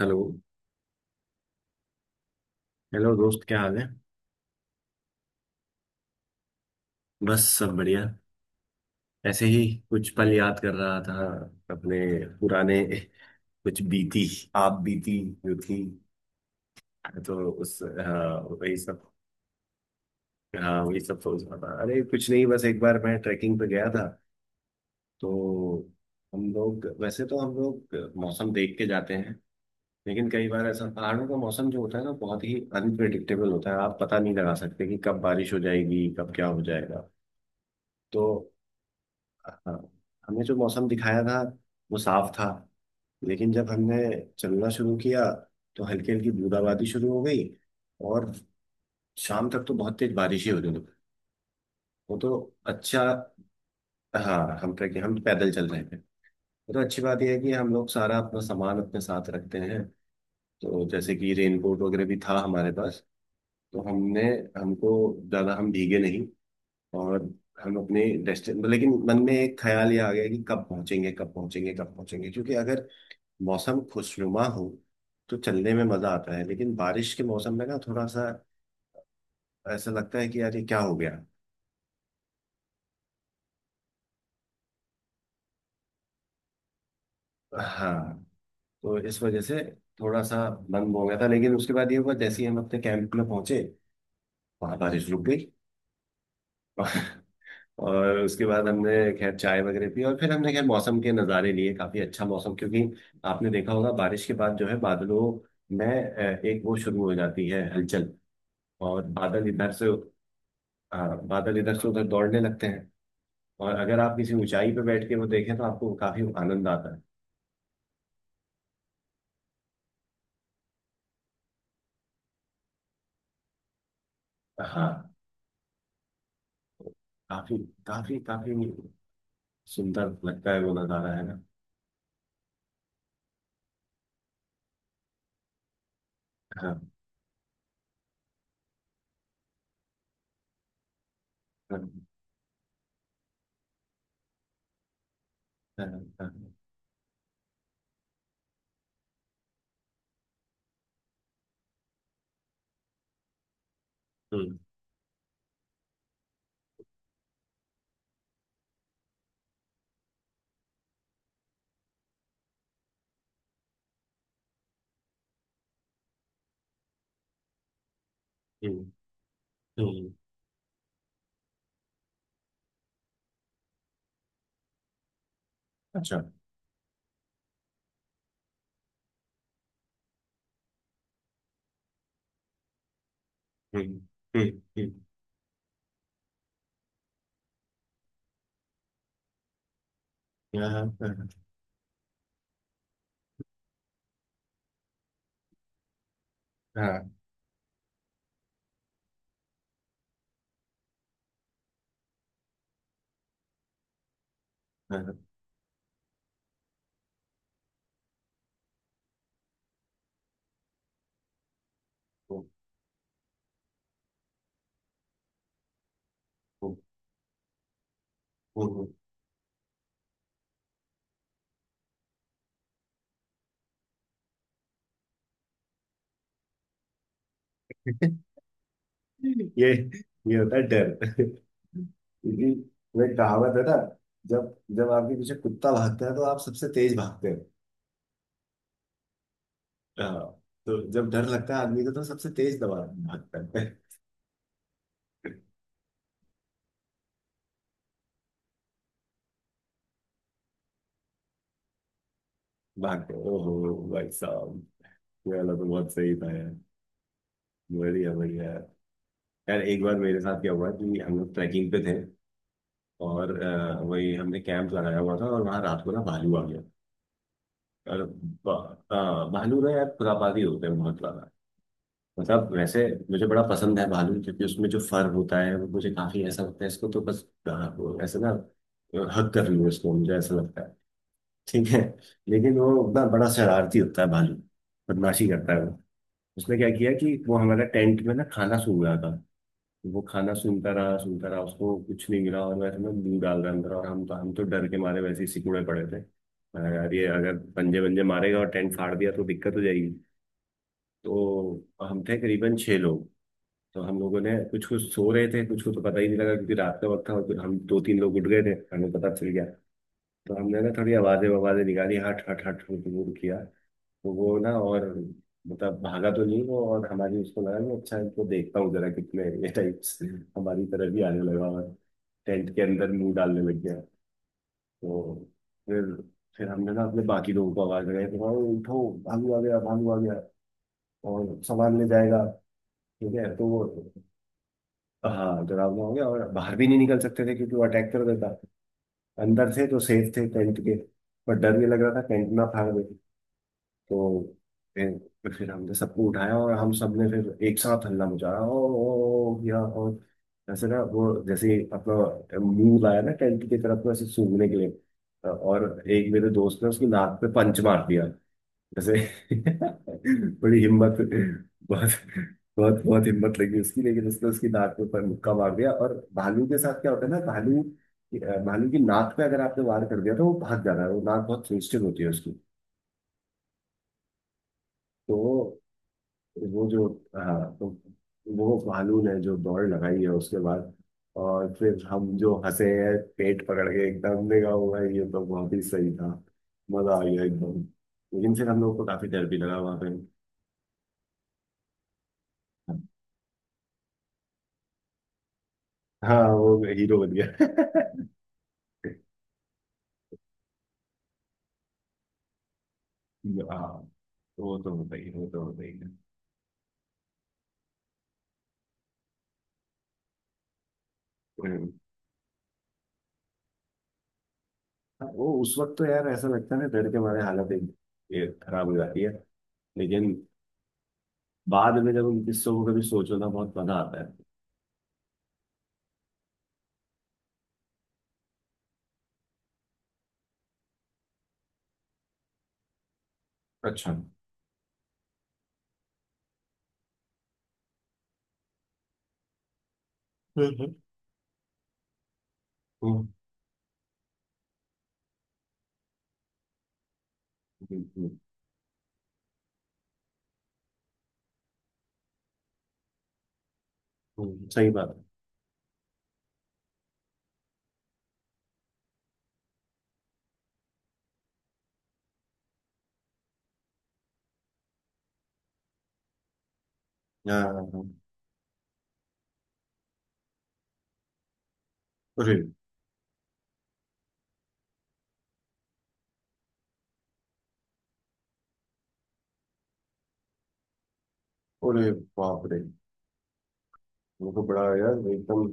Hello. Hello दोस्त, क्या हाल है? बस सब बढ़िया। ऐसे ही कुछ पल याद कर रहा था, अपने पुराने, कुछ बीती, आप बीती जो थी। तो उस हाँ, वही सब। सोच रहा था, अरे कुछ नहीं, बस एक बार मैं ट्रैकिंग पे गया था। तो हम लोग मौसम देख के जाते हैं, लेकिन कई बार ऐसा पहाड़ों का मौसम जो होता है ना, बहुत ही अनप्रिडिक्टेबल होता है। आप पता नहीं लगा सकते कि कब बारिश हो जाएगी, कब क्या हो जाएगा। तो हाँ, हमें जो मौसम दिखाया था वो साफ था, लेकिन जब हमने चलना शुरू किया तो हल्की हल्की बूंदाबांदी शुरू हो गई, और शाम तक तो बहुत तेज बारिश ही होने लगी। वो तो अच्छा, हाँ, हम पैदल चल रहे थे। वो तो अच्छी बात यह है कि हम लोग सारा अपना सामान अपने साथ रखते हैं। तो जैसे कि रेनकोट वगैरह भी था हमारे पास। तो हमने हमको ज़्यादा हम भीगे नहीं, और हम अपने डेस्टिन... लेकिन मन में एक ख्याल ये आ गया कि कब पहुंचेंगे, कब पहुंचेंगे, कब पहुंचेंगे, क्योंकि अगर मौसम खुशनुमा हो तो चलने में मजा आता है, लेकिन बारिश के मौसम में ना थोड़ा सा ऐसा लगता है कि यार ये क्या हो गया। हाँ, तो इस वजह से थोड़ा सा बंद हो गया था, लेकिन उसके बाद ये हुआ जैसे ही हम अपने कैंप में पहुंचे, वहां बारिश रुक गई। और उसके बाद हमने खैर चाय वगैरह पी, और फिर हमने खैर मौसम के नज़ारे लिए, काफी अच्छा मौसम, क्योंकि आपने देखा होगा बारिश के बाद जो है बादलों में एक वो शुरू हो जाती है हलचल, और बादल इधर से... हाँ, बादल इधर से उधर दौड़ने लगते हैं, और अगर आप किसी ऊंचाई पे बैठ के वो देखें तो आपको काफी आनंद आता है। हाँ, काफी, काफी काफी सुंदर लगता है वो नजारा, है ना? हाँ, हाँ, हाँ। हाँ। हम्म। हम्म। हम्म। अच्छा। हम्म। हम्म। हम्म। हाँ, हाँ, हाँ। हाँ। हम्म। हम्म। हम्म। ये... ये होता है डर। क्योंकि वो एक कहावत है ना, जब जब आपके पीछे कुत्ता भागता है तो आप सबसे तेज भागते। हाँ, तो जब डर लगता है आदमी को तो सबसे तेज दवा भागता है। भागते हैं। ओहो भाई साहब, ये वाला तो बहुत सही था यार। बढ़िया, बढ़िया। यार एक बार मेरे साथ क्या हुआ कि हम लोग ट्रैकिंग पे थे, और वही हमने कैंप लगाया हुआ था, और वहाँ रात को ना भालू आ गया। और भालू ना यार खुरापाती होते हैं बहुत ज्यादा। मतलब वैसे मुझे बड़ा पसंद है भालू, क्योंकि उसमें जो फर होता है वो मुझे काफी ऐसा लगता है इसको तो बस अ, वो ऐसे ना हक कर लूँ इसको, मुझे ऐसा लगता है। ठीक है। लेकिन वो ना बड़ा शरारती होता है भालू, बदमाशी करता है वो। उसने क्या किया कि वो हमारा टेंट में ना खाना सूंघ रहा था। वो खाना सूंघता रहा, सूंघता रहा, उसको कुछ नहीं मिला, और वैसे में मुंह डाल रहा अंदर, और हम तो डर के मारे वैसे ही सिकुड़े पड़े थे। मैंने कहा, यार ये अगर पंजे पंजे मारेगा और टेंट फाड़ दिया तो दिक्कत हो जाएगी। तो हम थे करीबन छह लोग। तो हम लोगों ने, कुछ कुछ सो रहे थे, कुछ को तो पता ही नहीं लगा क्योंकि रात का वक्त था, और फिर हम दो तीन लोग उठ गए थे। हमें पता चल गया। तो हमने ना थोड़ी आवाजें आवाजें निकाली, हट हट हट हट हट किया। तो वो ना, और मतलब भागा तो नहीं वो, और हमारी उसको लगा कि अच्छा इनको देखता हूँ जरा कितने ये टाइप्स। हमारी तरफ भी आने लगा, और टेंट के अंदर मुंह डालने लग गया। तो फिर... हमने ना अपने बाकी लोगों को आवाज लगाई तो भाई उठो, भालू आ गया, भालू आ गया, और सामान ले जाएगा। ठीक है तो वो... हाँ, डरावना हो गया, और बाहर भी नहीं निकल सकते थे क्योंकि वो अटैक कर देता। अंदर थे तो सेफ थे टेंट के, पर डर भी लग रहा था टेंट ना फाड़ दे। तो फिर... हमने सबको उठाया, और हम सब ने फिर एक साथ हल्ला मचाया, ओ ओ या। और ऐसे ना वो जैसे ही अपना मुंह लाया ना टेंट की तरफ में ऐसे सूंघने के लिए, और एक मेरे दोस्त ने उसकी नाक पे पंच मार दिया, जैसे... बड़ी हिम्मत, बहुत बहुत बहुत हिम्मत लगी उसकी, लेकिन उसने उसकी नाक पे पर मुक्का मार दिया। और भालू के साथ क्या होता है ना, भालू... भालू की नाक पे अगर आपने वार कर दिया तो वो भाग जाता है, वो नाक बहुत सेंसिटिव होती है उसकी। तो वो जो हाँ, तो वो भालू ने जो दौड़ लगाई है उसके बाद, और फिर हम जो हंसे हैं पेट पकड़ के, एकदम देखा हुआ है, ये तो बहुत ही सही था, मजा आ गया एकदम। लेकिन फिर हम लोग को काफी डर भी लगा वहां पे। हाँ, वो हीरो बन गया। हाँ, वो तो होता ही है। हम्म। हाँ, वो उस वक्त तो यार ऐसा लगता है ना डर के मारे हालत एक खराब हो जाती है, लेकिन बाद में जब उन किस्सों को कभी सोचो ना बहुत मजा आता है। अच्छा। हम्म। बिल्कुल। हम्म। सही बात है। हाँ, हाँ, हाँ। अरे। अरे बाप रे, वो तो बड़ा यार एकदम...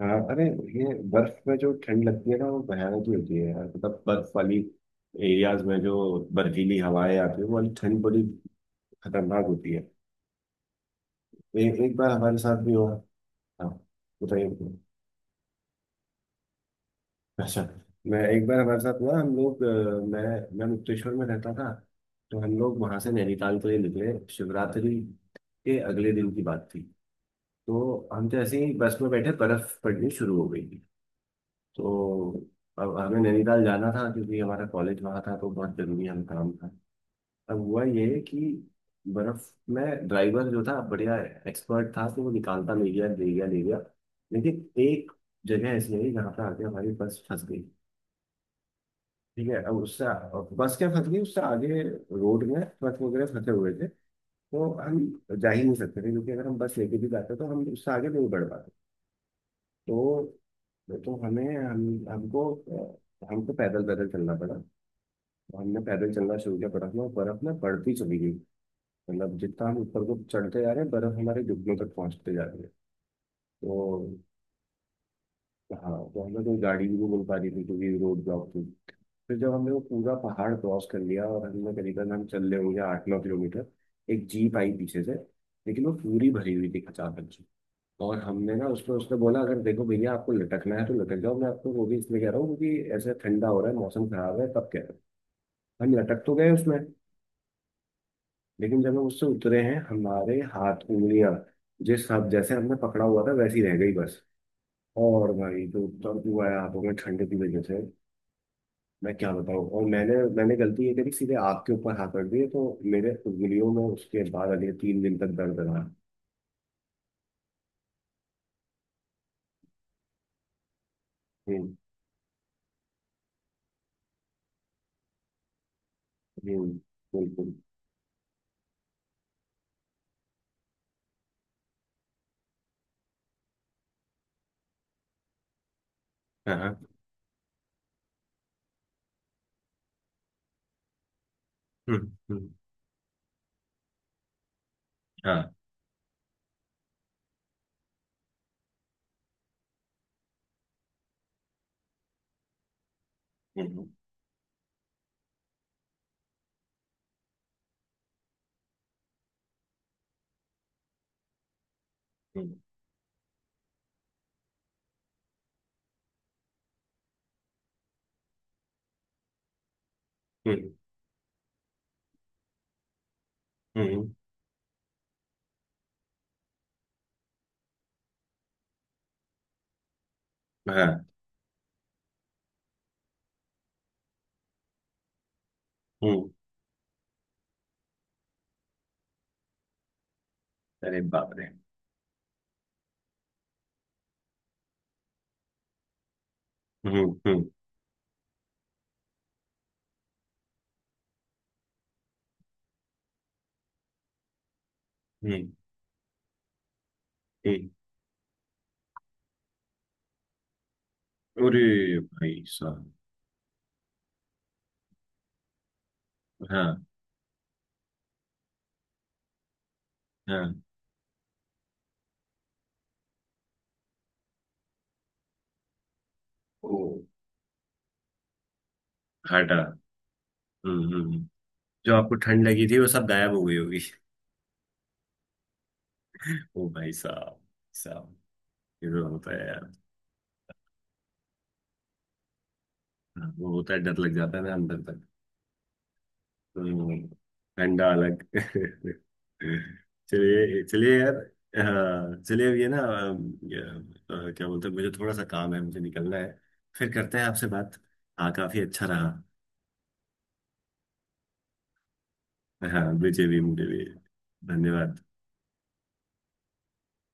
हाँ। अरे, ये बर्फ में जो ठंड लगती है ना वो भयानक ही होती है यार, मतलब बर्फ वाली एरियाज में जो बर्फीली हवाएं आती है वो वाली ठंड बड़ी खतरनाक होती है। एक बार हमारे साथ भी हुआ। हाँ। बताइए, बताइए। अच्छा मैं, एक बार हमारे साथ हुआ, हम लोग मैं मुक्तेश्वर में रहता था। तो हम लोग वहां से नैनीताल के लिए निकले, शिवरात्रि के अगले दिन की बात थी। तो हम तो ऐसे ही बस में बैठे, बर्फ पड़नी शुरू हो गई थी। तो अब हमें नैनीताल जाना था क्योंकि हमारा कॉलेज वहाँ था, तो बहुत जरूरी हम काम था। अब हुआ ये कि बर्फ में ड्राइवर जो था बढ़िया एक्सपर्ट था, तो वो निकालता ले गया, ले गया, ले गया। लेकिन एक जगह ऐसी आई जहाँ पर आके हमारी बस फंस गई। ठीक है, अब उससे... बस क्या फंस गई, उससे आगे रोड में ट्रक वगैरह फंसे हुए थे। तो हम जा ही नहीं सकते थे क्योंकि अगर हम बस लेके भी जाते तो हम उससे आगे नहीं बढ़ पाते। तो तो हमें हम हमको हमको पैदल पैदल चलना पड़ा। तो हमने पैदल चलना शुरू किया बर्फ में, और बर्फ में बढ़ती चली गई। मतलब जितना हम ऊपर को चढ़ते जा रहे हैं बर्फ हमारे घुटनों तक पहुंचते जा रही है। तो हाँ, तो हमें कोई गाड़ी भी नहीं मिल पा रही थी क्योंकि रोड ब्लॉक थी। फिर जब हमने वो पूरा पहाड़ क्रॉस कर लिया, और हमने करीबन हम चल रहे होंगे 8-9 किलोमीटर, एक जीप आई पीछे से, लेकिन वो पूरी भरी हुई थी अचानक। और हमने ना उसको, उसने बोला अगर देखो भैया आपको लटकना है तो लटक जाओ, मैं आपको वो भी इसलिए कह रहा हूँ क्योंकि ऐसे ठंडा हो रहा है मौसम खराब है तब कह रहा हूँ। हम लटक तो गए उसमें, लेकिन जब हम उससे उतरे हैं हमारे हाथ, उंगलियां जिस हम जैसे हमने पकड़ा हुआ था वैसी रह गई बस, और भाई तो दर्द हुआ है हाथों में ठंड की वजह से, मैं क्या बताऊँ। और मैंने मैंने गलती ये करी सीधे आग के ऊपर हाथ रख दिए, तो मेरे उंगलियों में उसके बाद अगले 3 दिन तक दर्द रहा। हम्म। हम्म। बिल्कुल। हाँ। हाँ। हम्म। हम्म। हाँ। हम्म। हम्म। हम्म। हम्म। हाँ। हम्म। अरे बाप रे। हम्म। हम्म। हम्म। हम्म। अरे भाई साहब। हाँ। हाँ। ओ। हाटा। हम्म। हम्म। जो आपको ठंड लगी थी वो सब गायब हो गई होगी। ओ भाई साहब, साहब, ये तो होता है यार। हाँ, वो होता है, डर लग जाता है ना अंदर तक। हम्म, ठंडा अलग। चलिए, चलिए यार। हाँ चलिए, अब ये ना क्या बोलते हैं, मुझे थोड़ा सा काम है, मुझे निकलना है। फिर करते हैं आपसे बात। हाँ काफी अच्छा रहा। हाँ, मुझे भी, मुझे भी। धन्यवाद।